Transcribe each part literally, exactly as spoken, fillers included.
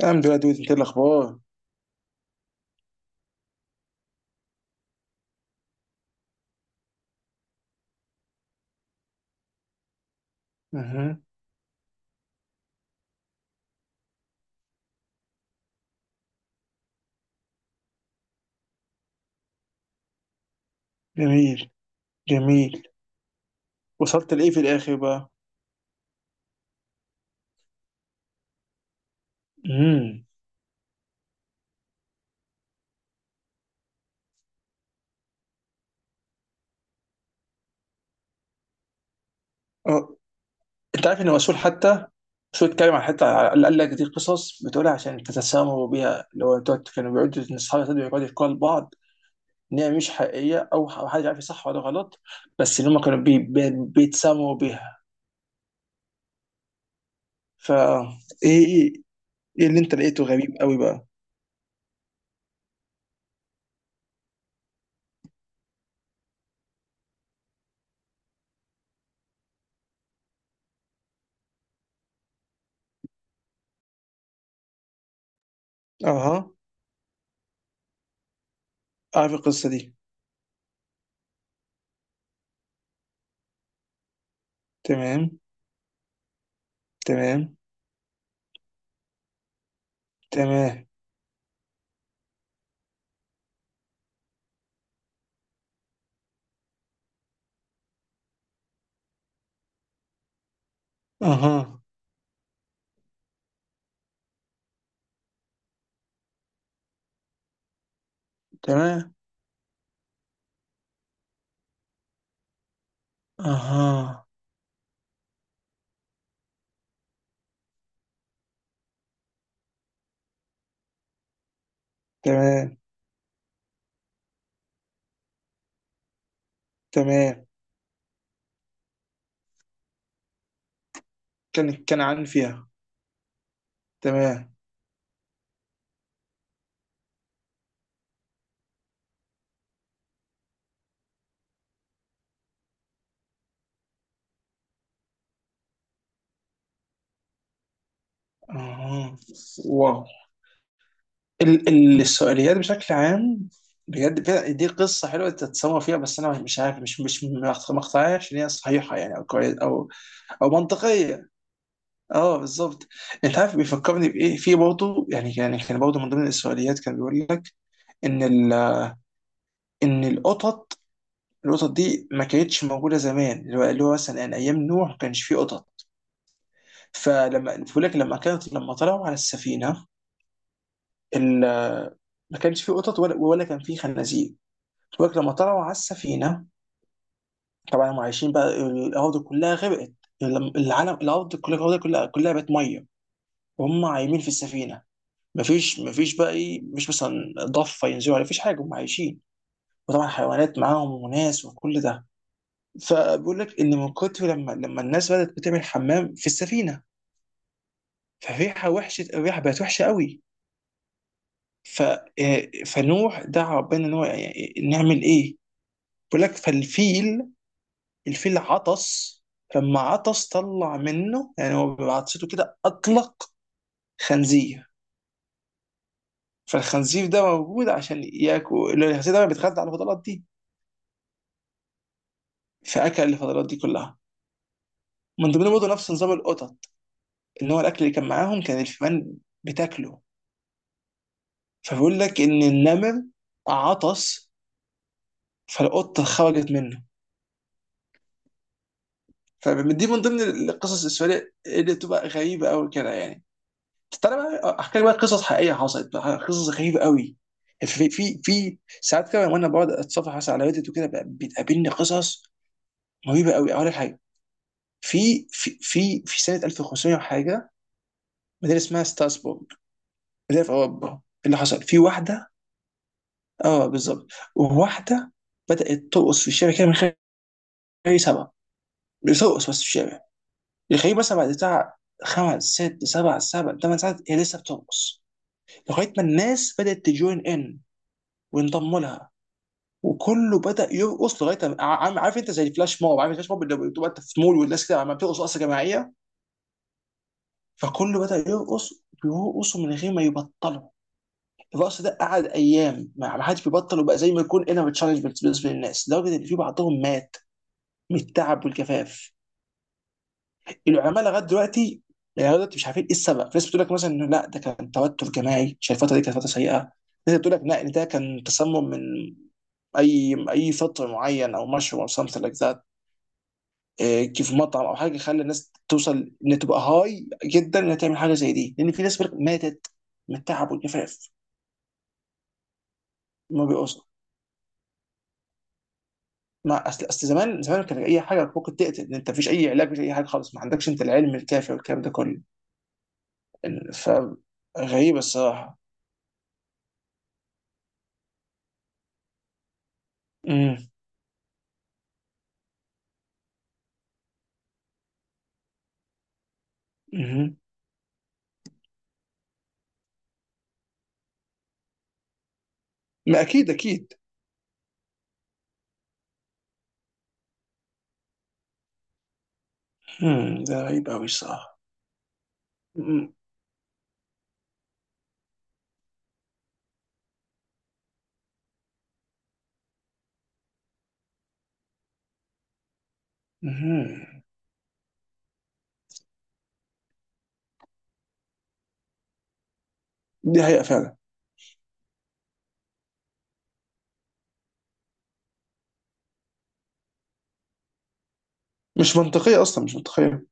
الحمد لله، دود. انت إيه الاخبار؟ اها. جميل، جميل. وصلت لايه في الاخر بقى؟ امم. اه، انت عارف ان الرسول حتى شو اتكلم عن حتى على- قال لك دي قصص بتقولها عشان تتسامروا بيها، اللي هو انتوا كانوا بيقعدوا، ان اصحاب السد بيقعدوا يقولوا لبعض ان هي مش حقيقيه، او ح- حد عارف صح ولا غلط، بس اللي هم كانوا بي... بي... بيتسامروا بيها. فا ايه، ايه. ايه اللي انت لقيته غريب قوي بقى؟ اها، عارف القصه دي. تمام، تمام، تمام. اها، تمام. اها، تمام، تمام. كان كان عن فيها. تمام. اها. واو. ال ال السؤاليات بشكل عام، بجد فعلا دي قصة حلوة تتسمى فيها، بس أنا مش عارف، مش مش مقطعية إن هي صحيحة يعني، أو كويس، أو أو منطقية. أه، بالظبط. أنت عارف بيفكرني بإيه؟ في برضه يعني يعني كان برضه من ضمن السؤاليات، كان بيقول لك إن ال إن القطط القطط دي ما كانتش موجودة زمان، اللي هو اللي هو مثلا يعني أيام نوح ما كانش فيه قطط. فلما بقول لك لما كانت، لما طلعوا على السفينه ال- ما كانش فيه قطط ولا ولا كان فيه خنازير. بقول لك لما طلعوا على السفينه، طبعا هم عايشين بقى، الارض كلها غرقت. الم- العالم، الارض كلها الارض كلها كلها بقت ميه، وهم عايمين في السفينه. مفيش مفيش بقى ايه، مش مثلا ضفه ينزلوا عليها، مفيش حاجه، هم عايشين، وطبعا حيوانات معاهم وناس وكل ده. فبقول لك ان من كتر لما لما الناس بدات بتعمل حمام في السفينه، فالريحه وحشه، الريحه بقت وحشه قوي. ف آه، فنوح دعا ربنا ان هو، يعني نعمل ايه؟ بيقول لك فالفيل الفيل عطس، فلما عطس طلع منه، يعني هو بعطسته كده اطلق خنزير. فالخنزير ده موجود عشان ياكل، الخنزير ده بيتغذى على الفضلات دي. فاكل الفضلات دي كلها. من ضمنهم برضه نفس نظام القطط، ان هو الاكل اللي كان معاهم كان الفئران بتاكله، فبيقول لك ان النمر عطس فالقطه خرجت منه. فدي من ضمن القصص السوريه اللي بتبقى غريبه قوي كده يعني. تعالى بقى احكي لك بقى قصص حقيقيه حصلت بقى، قصص غريبه قوي. في في في ساعات كده وانا بقعد اتصفح مثلا على ريدت وكده بقى، بتقابلني قصص رهيبه قوي. اقول لك حاجه، في في في في سنه ألف وخمسمية وحاجه، مدينه اسمها ستاسبورغ، مدينه في اوروبا، اللي حصل في واحده. اه بالظبط. واحده بدات ترقص في الشارع كده من غير اي سبب، بترقص بس في الشارع. يخليه مثلا بعد بتاع خمس، ست، سبع سبع ثمان ساعات هي لسه بترقص، لغايه ما الناس بدات تجوين ان وينضموا لها، وكله بدا يرقص لغايه ما- عارف عارف انت زي الفلاش موب، عارف الفلاش موب اللي بتبقى انت في مول والناس كده عم بترقص رقصه جماعيه. فكله بدا يرقص، بيرقصوا من غير ما يبطلوا. الرقص ده قعد ايام ما ما حدش بيبطل، وبقى زي ما يكون انر تشالنج بالنسبه للناس، لدرجه ان في بعضهم مات من التعب والجفاف. العلماء لغايه دلوقتي، يعني لغايه دلوقتي مش عارفين ايه السبب. في ناس بتقول لك مثلا انه لا، ده كان توتر جماعي عشان الفتره دي كانت فتره سيئه. ناس بتقول لك لا، ان ده كان تسمم من اي اي فطر معين، او مشروب، او something like that. إيه، كيف مطعم او حاجه خلى الناس توصل ان تبقى هاي جدا انها تعمل حاجه زي دي، لان في ناس بتقولك ماتت من التعب والجفاف. ما بيقصوا، ما اصل اصل زمان زمان كان اي حاجه ممكن تقتل، انت مفيش اي علاج، مفيش اي حاجه خالص، ما عندكش انت العلم الكافي والكلام ده كله. ف غريبه الصراحه. امم. ما اكيد، اكيد. هم، ده غريب قوي الصراحه. مم. مم. دي حقيقه فعلا. مش منطقيه اصلا، مش منطقيه.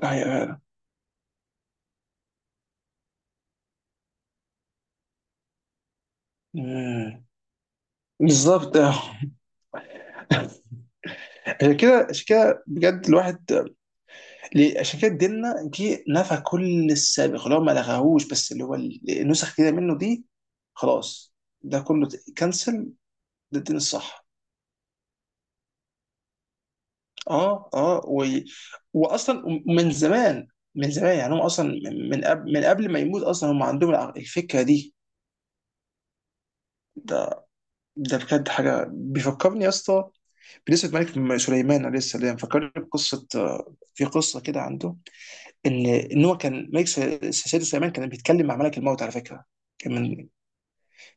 دي حقيقه فعلا. مم. بالظبط، آه. عشان كده، عشان كده بجد الواحد. ليه- عشان كده ديننا جه نفى كل السابق، اللي هو ما لغاهوش، بس اللي هو ال- النسخ كده منه دي. خلاص، ده كله كنسل. ده الدين الصح. اه اه و... واصلا من زمان، من زمان يعني، هم اصلا من من قبل من قبل ما يموت اصلا هم عندهم الع- الفكره دي. ده ده بجد حاجه بيفكرني يا اسطى، بنسبة ملك م- سليمان عليه السلام. فكرني بقصة، آه، في قصة كده عنده، إن إن هو كان ملك سل- سيدنا سليمان كان بيتكلم مع ملك الموت على فكرة، كان من.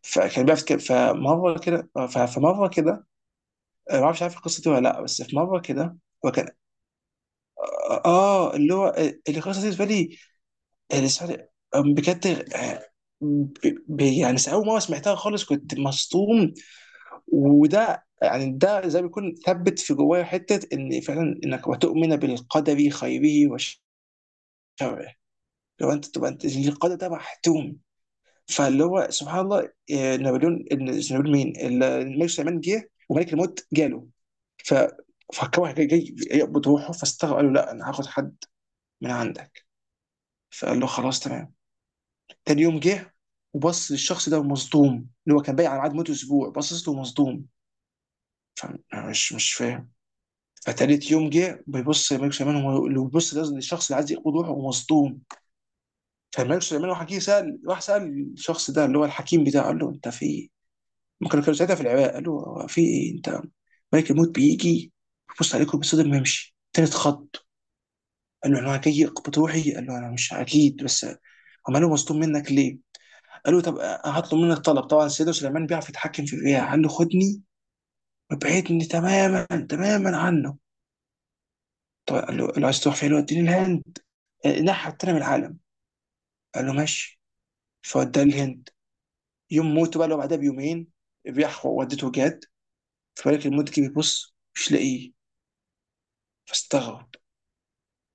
فكان بيعرف يتكلم- فمرة كده آه، ف- فمرة كده آه، ما أعرفش عارف القصة دي ولا لأ، بس في مرة كده هو كان. آه آه، اللي هو، آه، اللي قصة دي بالنسبة لي، آه، لسه- آه، بجد. آه، ب- ب- يعني أول مرة سمعتها خالص كنت مصدوم، وده يعني ده زي ما بيكون ثبت في جوايا حته ان فعلا انك وتؤمن بالقدر خيره وشره، لو انت تبقى انت القدر ده محتوم. فاللي هو سبحان الله، آه، نابليون، إن- مش نابليون، مين، ال- الملك سليمان جه وملك الموت جاله. ف فكره جاي جاي يقبض روحه، فاستغرب، قال له لا، انا هاخد حد من عندك. فقال له خلاص، تمام. تاني يوم جه وبص للشخص ده ومصدوم، اللي هو كان بايع على ميعاد موته اسبوع، بصص له مصدوم، فمش مش مش فاهم. فتالت يوم جه بيبص، ملك سليمان هو اللي بيبص، ده الشخص اللي عايز يقبض روحه ومصدوم. فملك سليمان راح جه سال راح سال الشخص ده اللي هو الحكيم بتاعه، قال له انت في ايه؟ هم كانوا كانوا ساعتها في العراق، قال له هو في ايه انت، ملك الموت بيجي بيبص عليكم بيصدم ويمشي تالت خط. قال له انا جاي اقبض روحي. قال له انا مش اكيد بس، هم قالوا مصدوم منك ليه؟ قال له طب هطلب منك طلب، طبعا سيدنا سليمان بيعرف يتحكم في الرياح، قال له خدني وابعدني تماما تماما عنه. طب قال له قال له عايز تروح فين؟ قال له اديني الهند، نحى التاني من العالم. قال له ماشي. فوداه الهند. يوم موته بقى، لو بعدها بيومين بيحفر، ودته جاد. فبالك المدة بيبص مش لاقيه، فاستغرب،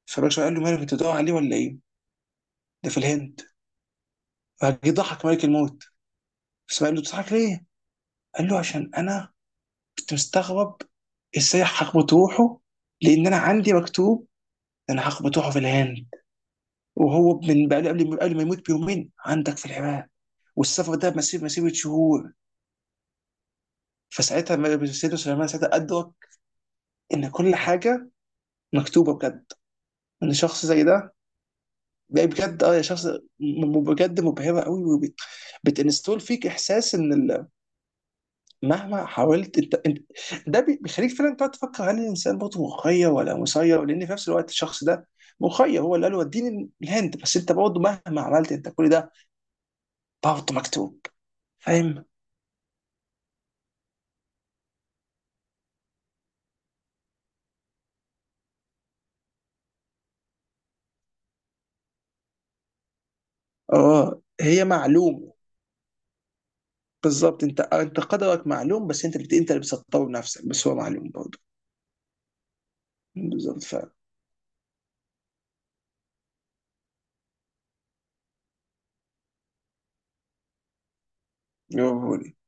فبالك قال له مالك، انت بتدور عليه ولا ايه؟ ده في الهند. فجه ضحك ملك الموت بس، قال له بتضحك ليه؟ قال له عشان انا كنت مستغرب ازاي هخبط روحه، لان انا عندي مكتوب ان انا هخبط روحه في الهند، وهو من بقى قبل قبل ما يموت بيومين عندك في العراق، والسفر ده مسير مسيرة شهور. فساعتها ما- سيدنا سليمان ساعتها أدرك ان كل حاجه مكتوبه بجد. ان شخص زي ده بقى بجد، اه يا شخص، م- م- بجد مبهره قوي، وبتنستول فيك احساس ان ال- مهما حاولت انت, انت, ده بي- بيخليك فعلا تقعد تفكر هل الانسان برضه مخير ولا مسير؟ لان في نفس الوقت الشخص ده مخير، هو اللي قال له وديني الهند، بس انت برضه مهما عملت انت كل ده برضه مكتوب. فاهم؟ اه، هي معلوم. بالظبط، انت انت قدرك معلوم، بس انت بت... انت اللي بتسطره بنفسك، بس هو معلوم برضه. بالظبط. فعلا.